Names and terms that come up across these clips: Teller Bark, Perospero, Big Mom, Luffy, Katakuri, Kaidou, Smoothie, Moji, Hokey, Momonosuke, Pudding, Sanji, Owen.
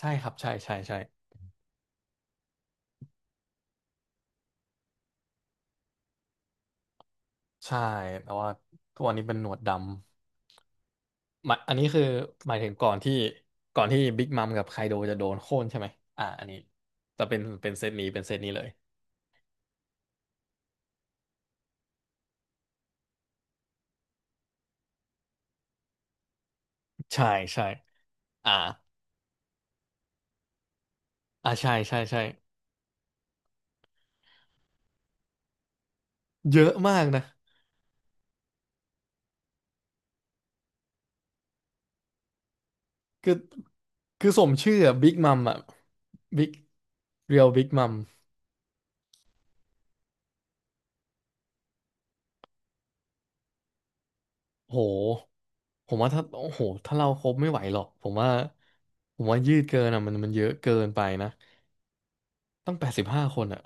ใช่ครับใช่ใช่ใช่ใช่แต่ว่าทุกวันนี้เป็นหนวดดำหมายอันนี้คือหมายถึงก่อนที่บิ๊กมัมกับไคโดจะโดนโค่นใช่ไหมอันนี้แต่เป็นเซตนี้เป็นเซตนี้เลยใช่ใช่อ่าใช่ใช่ใช่เยอะมากนะคือคือสมชื่ออะบิ๊กมัมอะบิ๊กเรียลบิ๊กมัมโหผมว่าถ้าโอ้โหถ้าเราครบไม่ไหวหรอกผมว่าผมว่ายืดเกินอะมันเยอะเกินไปนะต้อง85 คนอะ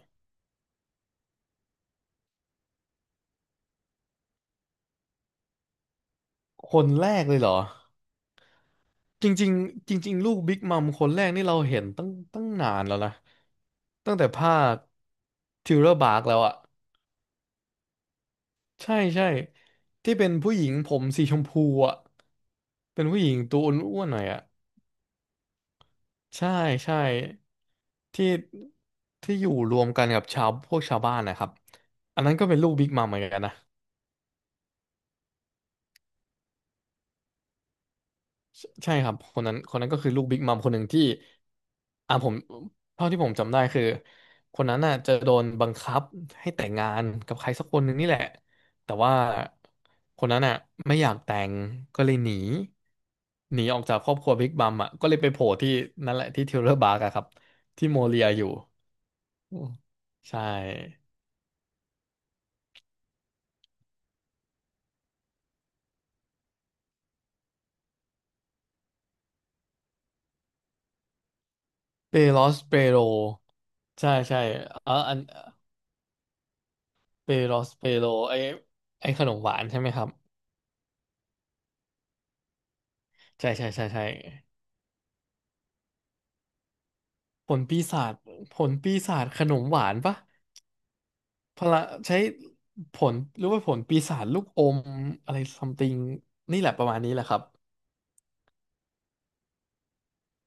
คนแรกเลยเหรอจริงๆจริงๆลูกบิ๊กมัมคนแรกนี่เราเห็นตั้งนานแล้วนะตั้งแต่ภาคทิวเลอร์บาร์กแล้วอะใช่ใช่ที่เป็นผู้หญิงผมสีชมพูอ่ะเป็นผู้หญิงตัวอ้วนๆหน่อยอะใช่ใช่ที่ที่อยู่รวมกันกับชาวพวกชาวบ้านนะครับอันนั้นก็เป็นลูกบิ๊กมัมเหมือนกันนะ ใช่ครับคนนั้นคนนั้นก็คือลูกบิ๊กมัมคนหนึ่งที่ผมเท่าที่ผมจำได้คือคนนั้นน่ะจะโดนบังคับให้แต่งงานกับใครสักคนหนึ่งนี่แหละแต่ว่าคนนั้นน่ะไม่อยากแต่งก็เลยหนีออกจากครอบครัวบิ๊กมัมอ่ะก็เลยไปโผล่ที่นั่นแหละที่เทเลอร์บาร์กอะครับที่โมเรียอยู่อืมใช่เปโรสเปโรใช่ใช่อันเปโรสเปโรไอไอขนมหวานใช่ไหมครับ ใช่ใช่ใช่ใช่ผลปีศาจผลปีศาจขนมหวานปะพละใช้ผลหรือว่าผลปีศาจลูกอมอะไรซัมติงนี่แหละประมาณนี้แหละครับ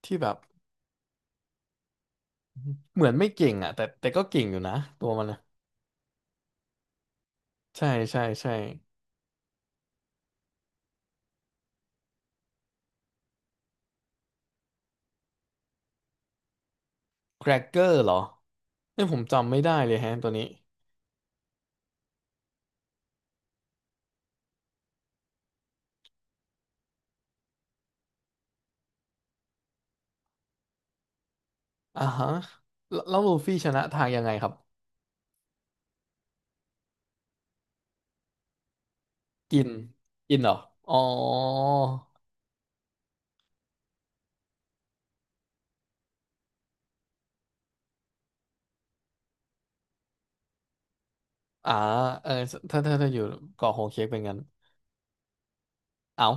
ที่แบบเหมือนไม่เก่งอ่ะแต่ก็เก่งอยู่นะตัวมันนะใช่ใช่ใช่แครกเกอร์เหรอเนี่ยผมจำไม่ได้เลยแฮะตัวนี้อ่าฮะแล้วลูฟี่ชนะทางยังไงครับกินกินเหรออ๋ออ่าเออถ้าอยู่เกาะโฮเค้กเป็นงั้นเอ้า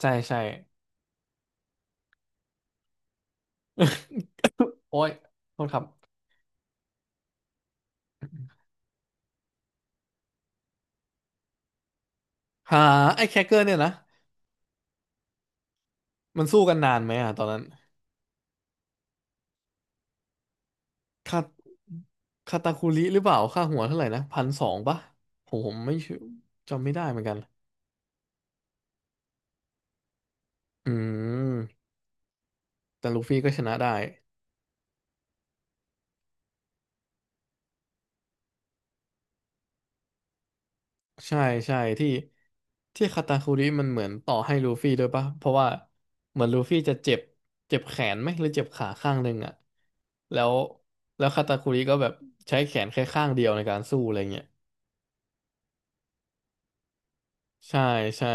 ใช่ใช่ โอ้ยโทษครับ หาไอ้แคคเกอร์เนี่ยนะ มันสู้กันนานไหมอ่ะตอนนั้น คาคาตาคุริหรือเปล่าค่าหัวเท่าไหร่นะพันสองปะผมไม่ชัวร์จำไม่ได้เหมือนกัน อืม แต่ลูฟี่ก็ชนะได้ ใช่ใช่ที่คาตาคุริมันเหมือนต่อให้ลูฟี่ด้วยปะ เพราะว่าเหมือนลูฟี่จะเจ็บเจ็บแขนไหมหรือเจ็บขาข้างหนึ่งอ่ะแล้วแล้วคาตาคุริก็แบบใช้แขนแค่ข้างเดียวในการสู้อะไรเงี้ยใช่ใช่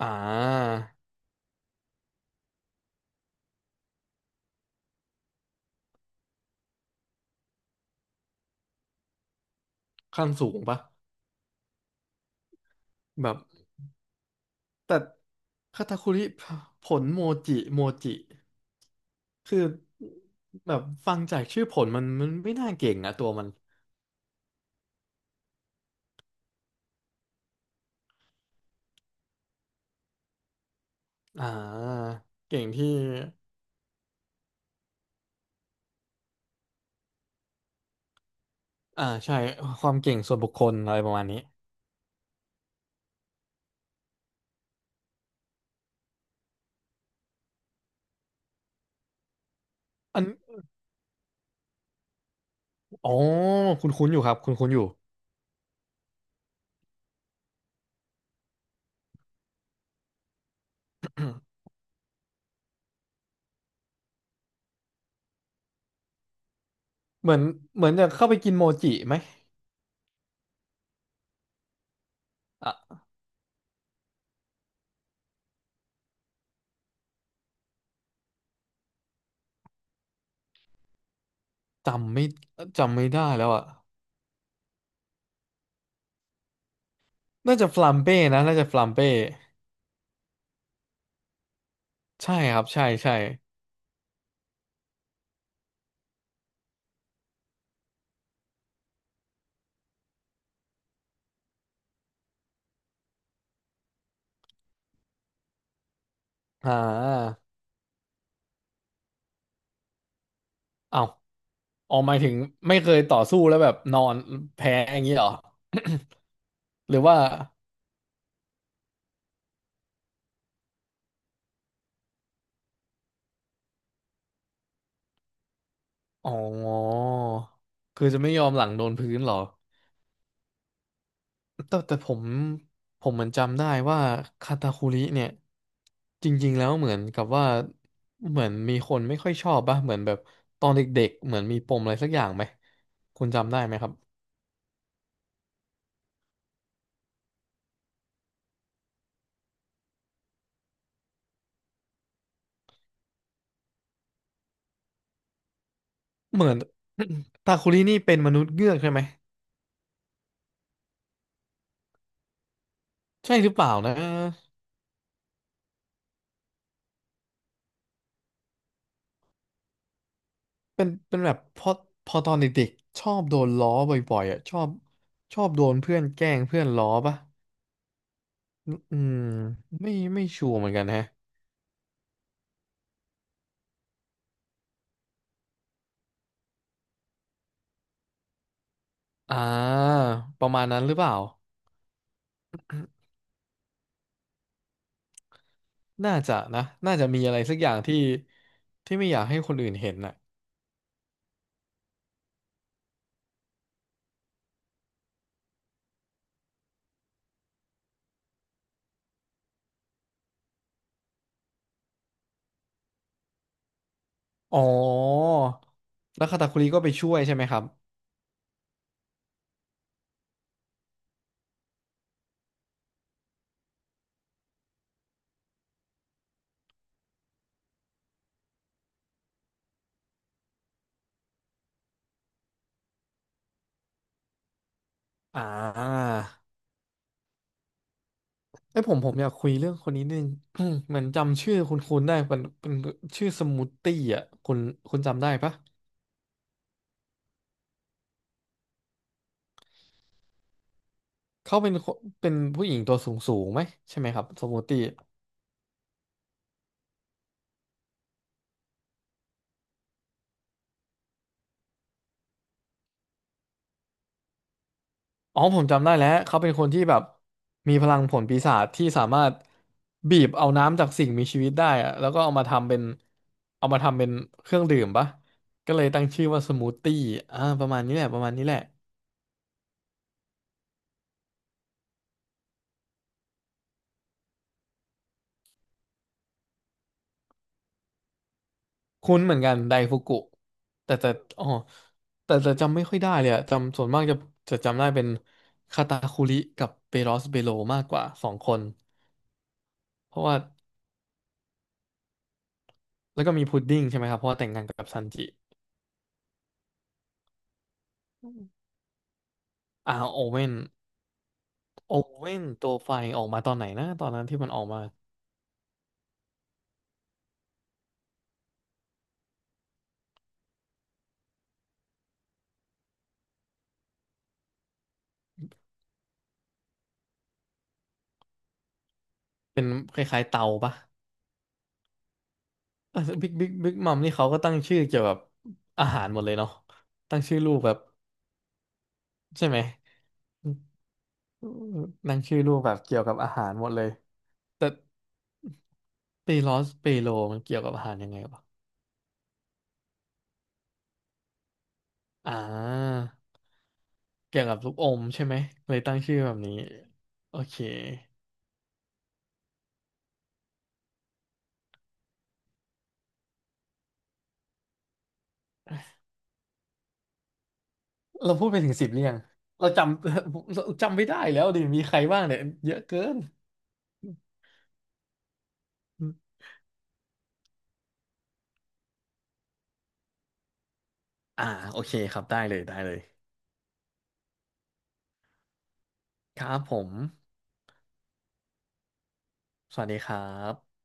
อ่า ขั้นสูงปะแบบแต่คาตาคุริผลโมจิโมจิคือแบบฟังจากชื่อผลมันไม่น่าเก่งอะตัวมันอ่าเก่งที่อ่าใช่ความเก่งส่วนบุคคลอะไรประมาณนี้อันอ๋อคุณคุ้นๆอยู่ครับคุณคุ้นๆอยู่เหมือนเหมือนจะเข้าไปกินโมจิไหมอ่ะจำไม่จำไม่ได้แล้วอ่ะน่าจะฟลัมเป้นะน่าจะฟลัมเป้ใช่ครับใช่ใช่อ่าเอ้า ออกหมายถึงไม่เคยต่อสู้แล้วแบบนอนแพ้อย่างนี้เหรอ หรือว่าอ๋อคือจะไม่ยอมหลังโดนพื้นเหรอแต่ผมเหมือนจำได้ว่าคาตาคุริเนี่ยจริงๆแล้วเหมือนกับว่าเหมือนมีคนไม่ค่อยชอบป่ะเหมือนแบบตอนเด็กๆเหมือนมีปมอะไรสักอย่างไหมคุณจำได้ไหมครับเหมือน ตาคุรินี่เป็นมนุษย์เงือกใช่ไหมใช่หรือเปล่านะ เป็นเป็นแบบพอตอนเด็กๆชอบโดนล้อบ่อยๆอ่ะชอบโดนเพื่อนแกล้งเพื่อนล้อปะอืมไม่ชัวร์เหมือนกันฮะอ่าประมาณนั้นหรือเปล่าน่าจะนะน่าจะมีอะไรสักอย่างที่ไม่อยากให้คนอื่นเห็นน่ะอ๋อแล้วคาตาคุริก็ไปช่วยใช่ไหมครับอ่าไอยผมอยากคุยเรื่องคนนี้นึง เหมือนจำชื่อคุณได้เป็นเป็นชื่อสมูทตี้อ่ะคุณจำได้ปะ เขาเป็นคนเป็นผู้หญิงตัวสูงสูงไหมใช่ไหมครับสมูตี้อ๋อผมจำได้แล้วเขาเป็นคนที่แบบมีพลังผลปีศาจที่สามารถบีบเอาน้ำจากสิ่งมีชีวิตได้อะแล้วก็เอามาทำเป็นเอามาทำเป็นเครื่องดื่มปะก็เลยตั้งชื่อว่าสมูทตี้อ่าประมาณนี้แหละประมาณนี้แหละคุ้นเหมือนกันไดฟุกุแต่แต่อ๋อแต่จะจำไม่ค่อยได้เลยอะจำส่วนมากจะจำได้เป็นคาตาคุริกับเปโรสเบโลมากกว่า2 คนเพราะว่า แล้วก็มีพุดดิ้งใช่ไหมครับเพราะว่าแต่งงานกับซันจิอืมอ่าโอเว่นโอเว่นตัวไฟออกมาตอนไหนนะตอนนั้นที่มันออกมาเป็นคล้ายๆเตาปะบิ๊กมัม นี่เขาก็ตั้งชื่อเกี่ยวกับอาหารหมดเลยเนาะตั้งชื่อลูกแบบใช่ไหมตั้งชื่อลูกแบบเกี่ยวกับอาหารหมดเลยแต่เปโลสเปโลมันเกี่ยวกับอาหารยังไงวะอ่าเกี่ยวกับลูกอมใช่ไหมเลยตั้งชื่อแบบนี้โอเค เราพูดไปถึง10หรือยังเราจำ เราจำไม่ได้แล้วดิ มีใครบ้างเนี่ยเยอะเกิน อ่าโอเคครับได้เลยได้เลย ครับผม สวัสดีครับ